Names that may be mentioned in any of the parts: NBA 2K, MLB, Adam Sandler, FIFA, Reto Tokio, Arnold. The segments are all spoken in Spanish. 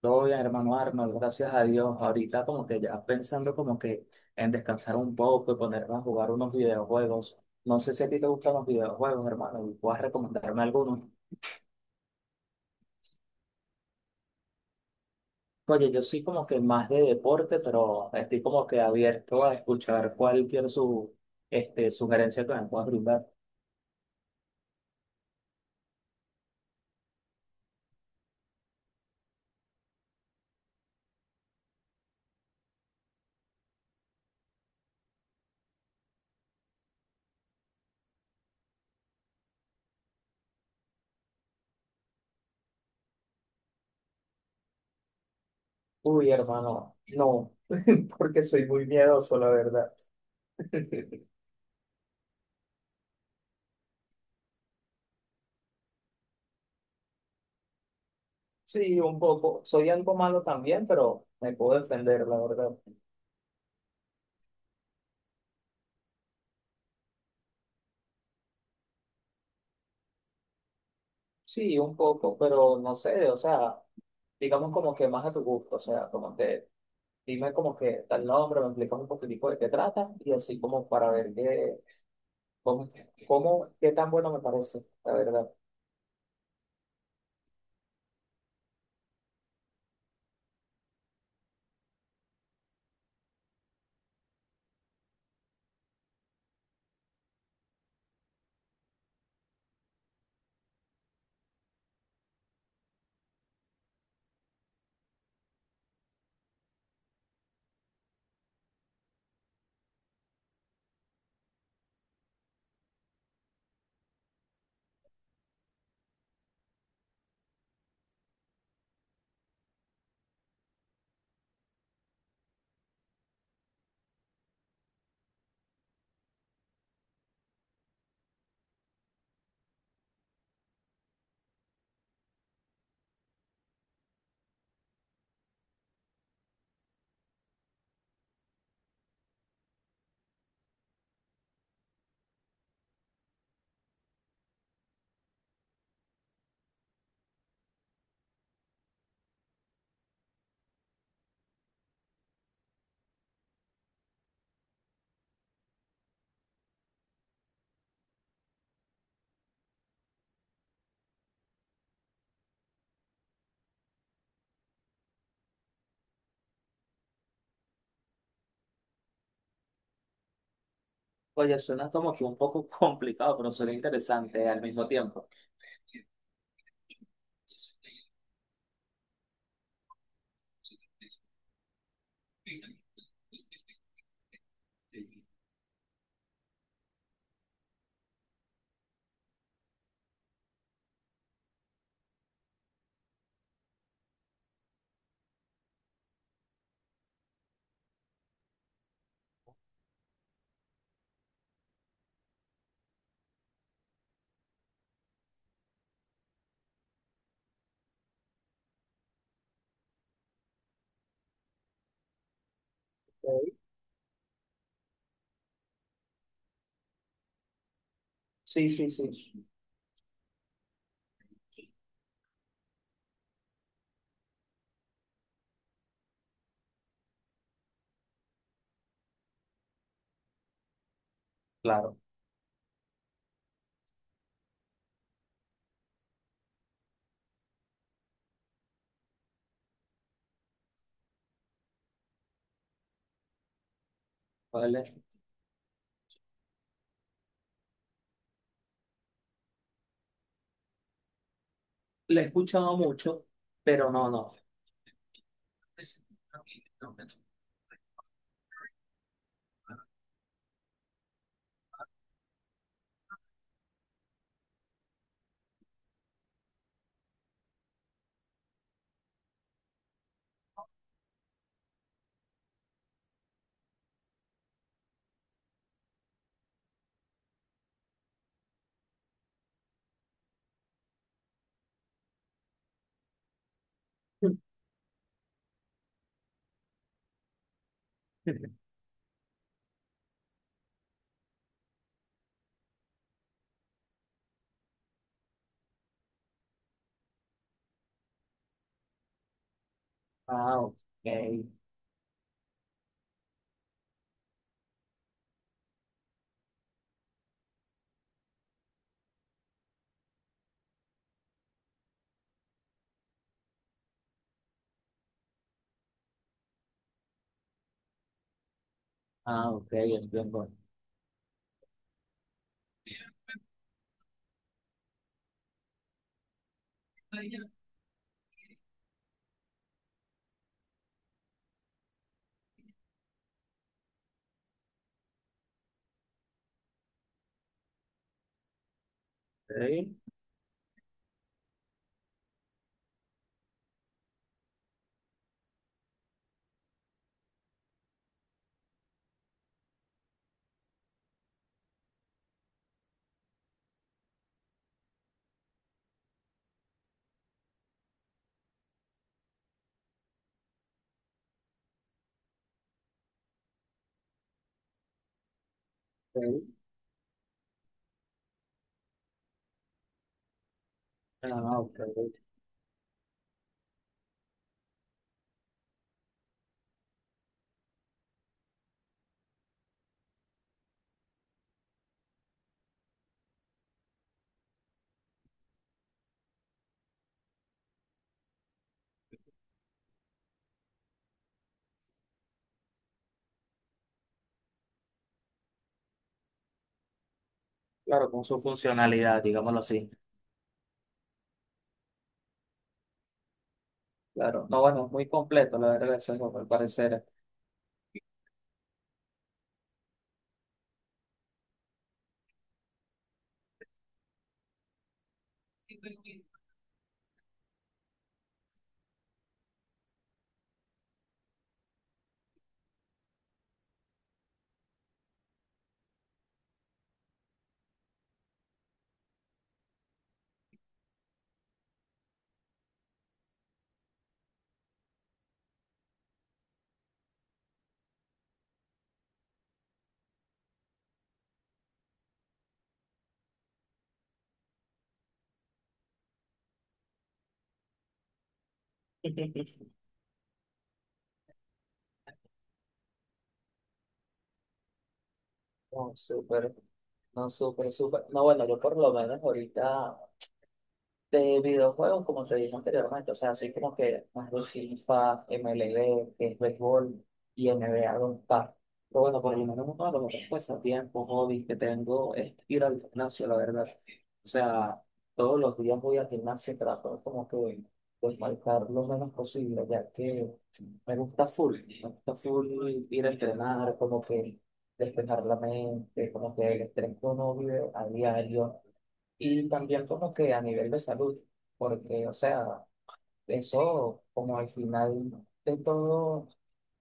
Todo bien, hermano Arnold, gracias a Dios. Ahorita como que ya pensando como que en descansar un poco y ponerme a jugar unos videojuegos. No sé si a ti te gustan los videojuegos, hermano, y puedas recomendarme alguno. Oye, yo soy como que más de deporte, pero estoy como que abierto a escuchar cualquier sugerencia que me puedas brindar. Uy, hermano, no, porque soy muy miedoso, la verdad. Sí, un poco. Soy algo malo también, pero me puedo defender, la verdad. Sí, un poco, pero no sé, o sea, digamos como que más a tu gusto, o sea, como que dime como que tal nombre, me explicas un poquitico de qué trata y así como para ver qué, cómo, qué tan bueno me parece, la verdad. Oye, suena como que un poco complicado, pero suena interesante al mismo tiempo. Ok. Sí, sí, sí. Claro, vale. Le he escuchado mucho, pero no, no. Ah, ok. Ah, ok, entiendo. Ok. Ok. Ah, ok, ok. Claro, con su funcionalidad, digámoslo así. Claro, no, bueno, muy completo, la verdad, ese juego, al parecer. No, súper, no, súper, súper. No, bueno, yo por lo menos ahorita. De videojuegos, como te dije anteriormente, o sea, soy como que más de FIFA, MLB, que es béisbol, y NBA 2K. Pero bueno, por lo menos uno de los otros pasatiempos, hobbies que tengo es ir al gimnasio, la verdad. O sea, todos los días voy al gimnasio y trato como que de faltar lo menos posible, ya que me gusta full, me gusta full ir a entrenar, como que despejar la mente, como que el estrés que uno vive a diario y también como que a nivel de salud, porque, o sea, eso como al final de todo,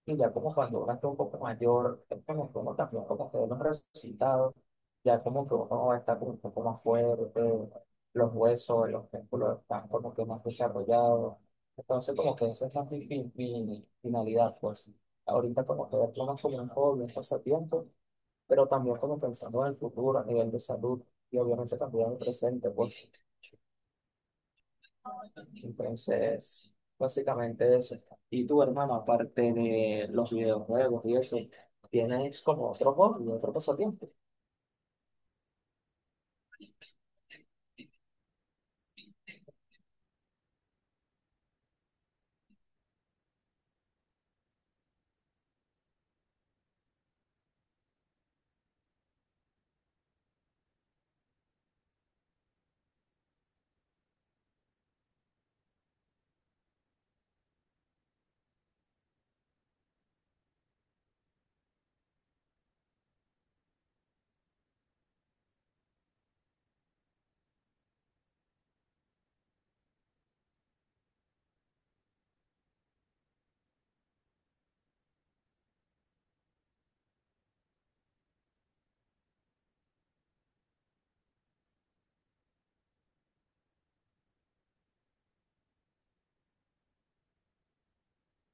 y ya como cuando uno está un poco mayor, es como que uno también como que ve los resultados, ya como que uno está como un poco más fuerte, los huesos, los músculos están como que más desarrollados. Entonces como que esa es mi finalidad, pues. Ahorita como que verlo más como un hobby, un pasatiempo, pero también como pensando en el futuro a nivel de salud y obviamente también en el presente, pues. Entonces, básicamente eso. Y tu hermano, aparte de los videojuegos y eso, tienes como otro hobby, otro pasatiempo.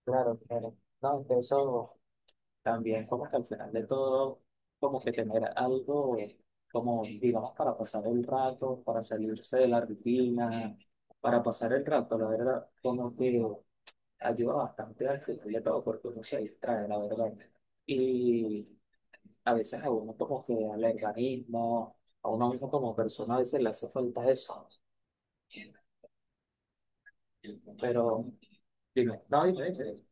Claro, claro. No, que eso también como que al final de todo, como que tener algo, como digamos, para pasar el rato, para salirse de la rutina, para pasar el rato, la verdad, como que ayuda bastante al final de todo, porque uno se distrae, la verdad. Y a veces a uno como que al organismo, a uno mismo como persona, a veces le hace falta eso. Pero dime, no, dime, dime.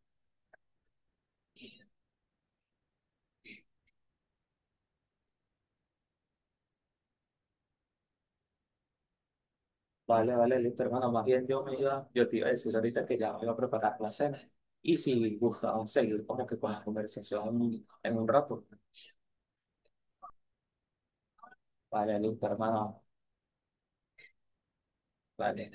Vale, vale, listo, hermano. Más bien yo me iba, yo te iba a decir ahorita que ya me iba a preparar la cena. Y si gustaba seguir como que con la conversación en un rato. Vale, listo, hermano. Vale.